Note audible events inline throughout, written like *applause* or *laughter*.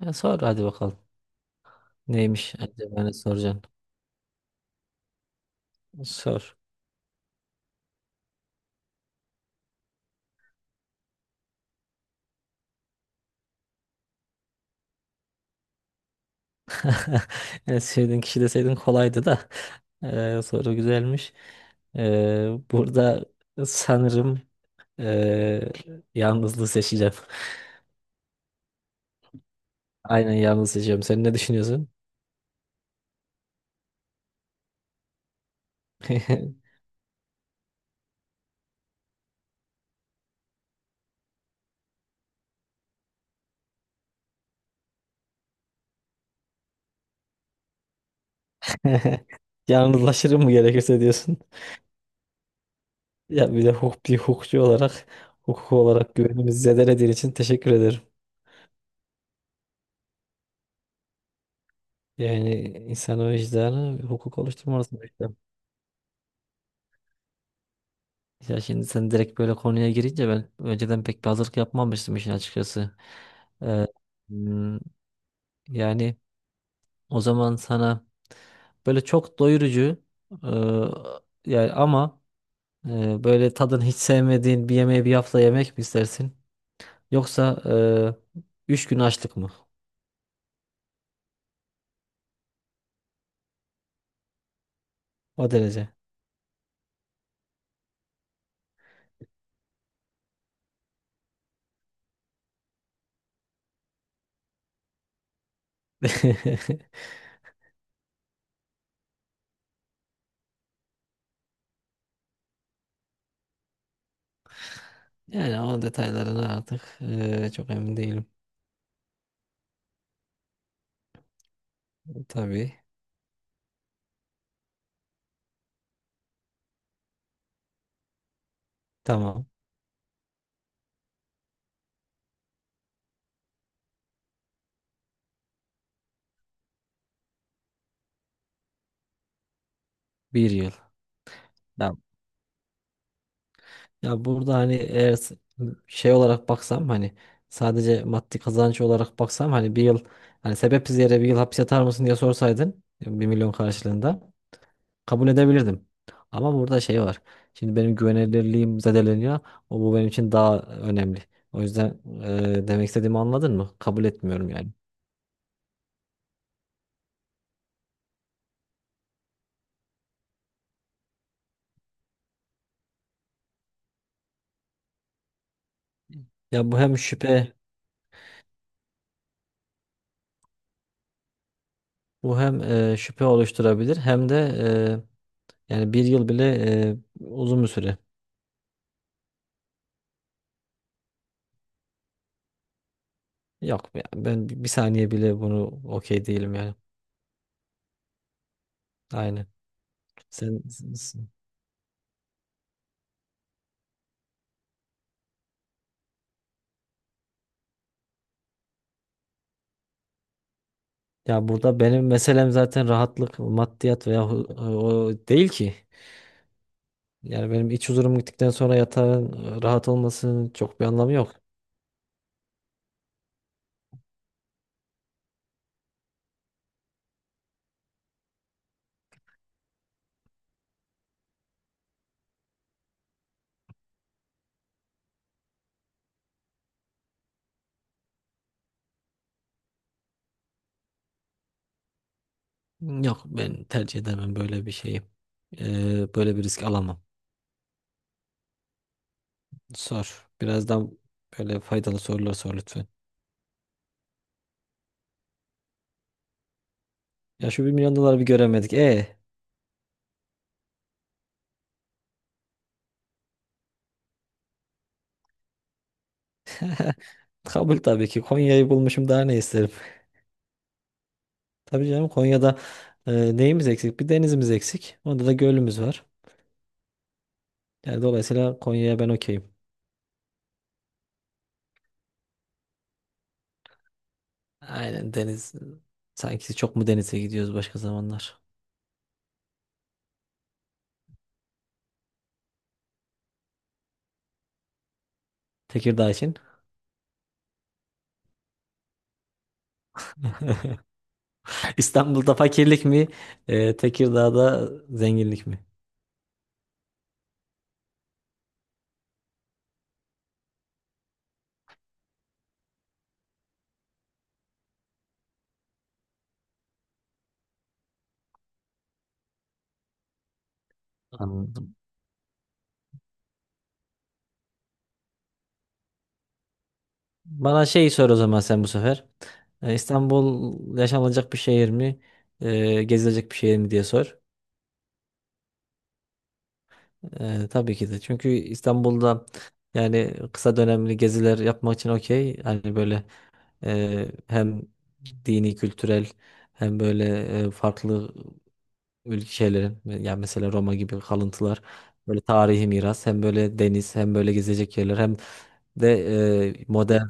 Ya sor hadi bakalım. Neymiş acaba ne soracaksın? Sor. *laughs* Yani sevdiğin kişi deseydin kolaydı da. *laughs* Soru güzelmiş. Burada sanırım ee, yalnızlığı seçeceğim. *laughs* Aynen, yalnız seçeceğim. Sen ne düşünüyorsun? *laughs* Yalnızlaşırım mı gerekirse diyorsun. Ya bir de hukuk, bir hukukçu olarak hukuk olarak güvenimizi zedelediğin için teşekkür ederim. Yani insan vicdanı hukuk oluşturma arasında. Ya şimdi sen direkt böyle konuya girince ben önceden pek bir hazırlık yapmamıştım işin açıkçası. Ee, hmm, Yani o zaman sana böyle çok doyurucu, yani ama, böyle tadını hiç sevmediğin bir yemeği bir hafta yemek mi istersin? Yoksa e, 3 gün açlık mı? O derece. *laughs* Yani o detaylarına artık çok emin değilim. Tabii. Tamam. Bir yıl. Tamam. Ya burada hani eğer şey olarak baksam, hani sadece maddi kazanç olarak baksam, hani bir yıl, hani sebepsiz yere bir yıl hapis yatar mısın diye sorsaydın, 1 milyon karşılığında kabul edebilirdim. Ama burada şey var. Şimdi benim güvenilirliğim zedeleniyor. O, bu benim için daha önemli. O yüzden, demek istediğimi anladın mı? Kabul etmiyorum yani. Ya bu hem şüphe Bu hem, şüphe oluşturabilir hem de, yani bir yıl bile e, uzun bir süre. Yok ya, ben bir saniye bile bunu okey değilim yani. Aynen. Sen, sen- sen- Ya burada benim meselem zaten rahatlık, maddiyat veya o değil ki. Yani benim iç huzurum gittikten sonra yatağın rahat olmasının çok bir anlamı yok. Yok, ben tercih edemem böyle bir şeyi. Böyle bir risk alamam. Sor. Birazdan böyle faydalı sorular sor lütfen. Ya şu 1 milyon doları bir göremedik. Kabul tabii ki. Konya'yı bulmuşum daha ne isterim. Tabii canım, Konya'da neyimiz eksik? Bir denizimiz eksik. Onda da gölümüz var. Yani dolayısıyla Konya'ya ben okeyim. Aynen deniz. Sanki çok mu denize gidiyoruz başka zamanlar? Tekirdağ için. *laughs* İstanbul'da fakirlik mi? Tekirdağ'da zenginlik mi? Anladım. Bana şey sor o zaman, sen bu sefer. İstanbul yaşanılacak bir şehir mi? Gezilecek bir şehir mi diye sor. Tabii ki de. Çünkü İstanbul'da yani kısa dönemli geziler yapmak için okey. Hani böyle, hem dini, kültürel, hem böyle farklı ülke şeylerin yani mesela Roma gibi kalıntılar, böyle tarihi miras, hem böyle deniz, hem böyle gezecek yerler, de eee, modern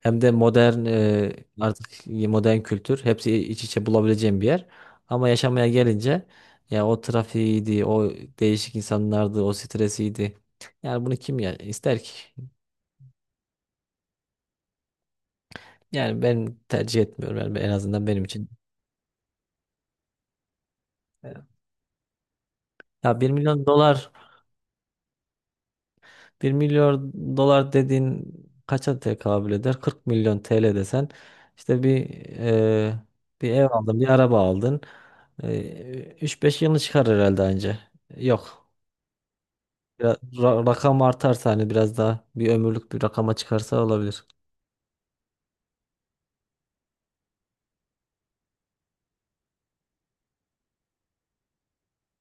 hem de modern artık modern kültür hepsi iç içe bulabileceğim bir yer. Ama yaşamaya gelince ya o trafiğiydi, o değişik insanlardı, o stresiydi. Yani bunu kim ya ister ki? Yani ben tercih etmiyorum yani, en azından benim için. Ya, bir milyon dolar dediğin kaça tekabül eder? 40 milyon TL desen işte e, bir ev aldın, bir araba aldın. 3-5 yılını çıkar herhalde anca. Yok. Biraz, rakam artarsa hani biraz daha bir ömürlük bir rakama çıkarsa olabilir.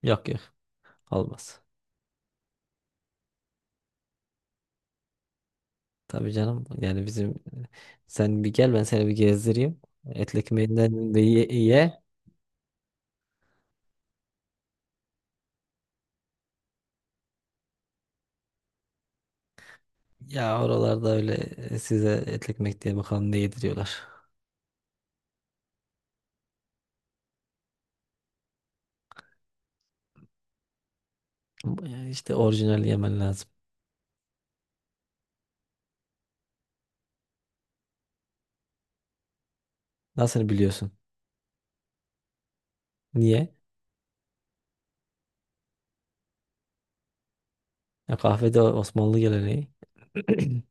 Yok yok, olmaz. Tabii canım yani bizim, sen bir gel ben seni bir gezdireyim. Etli ekmeğinden de ye. Ya oralarda öyle, size etli ekmek diye bakalım ne yediriyorlar. Yani İşte orijinal yemen lazım. Nasıl biliyorsun? Niye? Ya kahvede Osmanlı geleneği. *clears throat*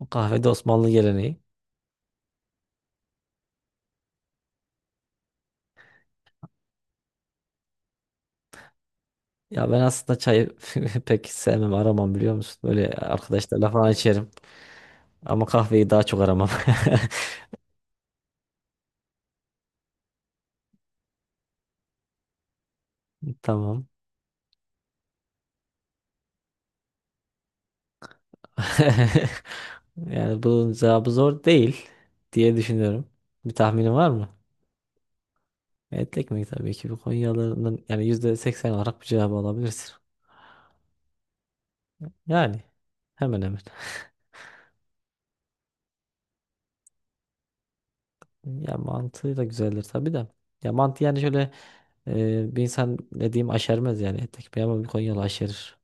O kahvede Osmanlı geleneği. Ya ben aslında çayı *laughs* pek sevmem, aramam biliyor musun? Böyle arkadaşlarla falan içerim. Ama kahveyi daha çok aramam. *laughs* Tamam. *laughs* Yani bunun cevabı zor değil diye düşünüyorum. Bir tahminin var mı? Etli ekmek tabii ki. Bu Konyalıların yani %80 olarak bir cevabı alabilirsin. Yani hemen hemen. Ya mantığı da güzeldir tabii de. Ya mantı yani şöyle bir insan ne diyeyim aşermez yani tek bir, ama bir Konyalı aşerir.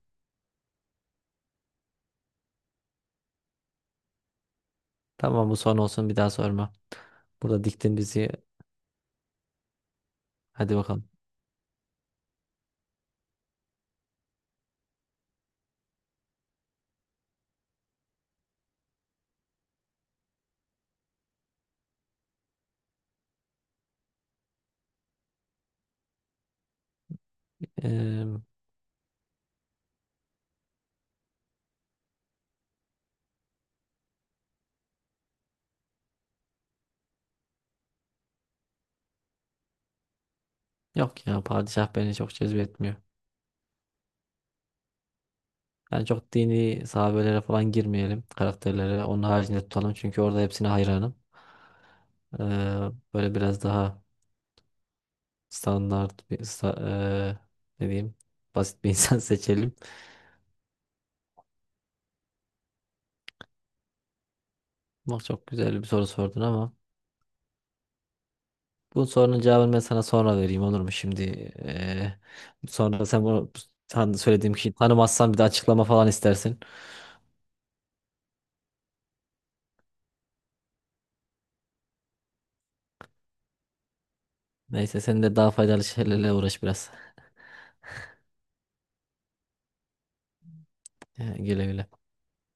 Tamam, bu son olsun, bir daha sorma. Burada diktin bizi, hadi bakalım. Eee, Yok ya, padişah beni çok cezbetmiyor. Yani çok dini sahabelere falan girmeyelim karakterlere. Onun haricinde tutalım çünkü orada hepsine hayranım. Eee, Böyle biraz daha standart bir ne diyeyim basit bir *laughs* insan seçelim. Bak, çok güzel bir soru sordun ama. Bu sorunun cevabını ben sana sonra vereyim olur mu? Şimdi eee, sonra sen bunu söylediğim kişiyi tanımazsan bir de açıklama falan istersin. Neyse sen de daha faydalı şeylerle uğraş biraz. Güle güle.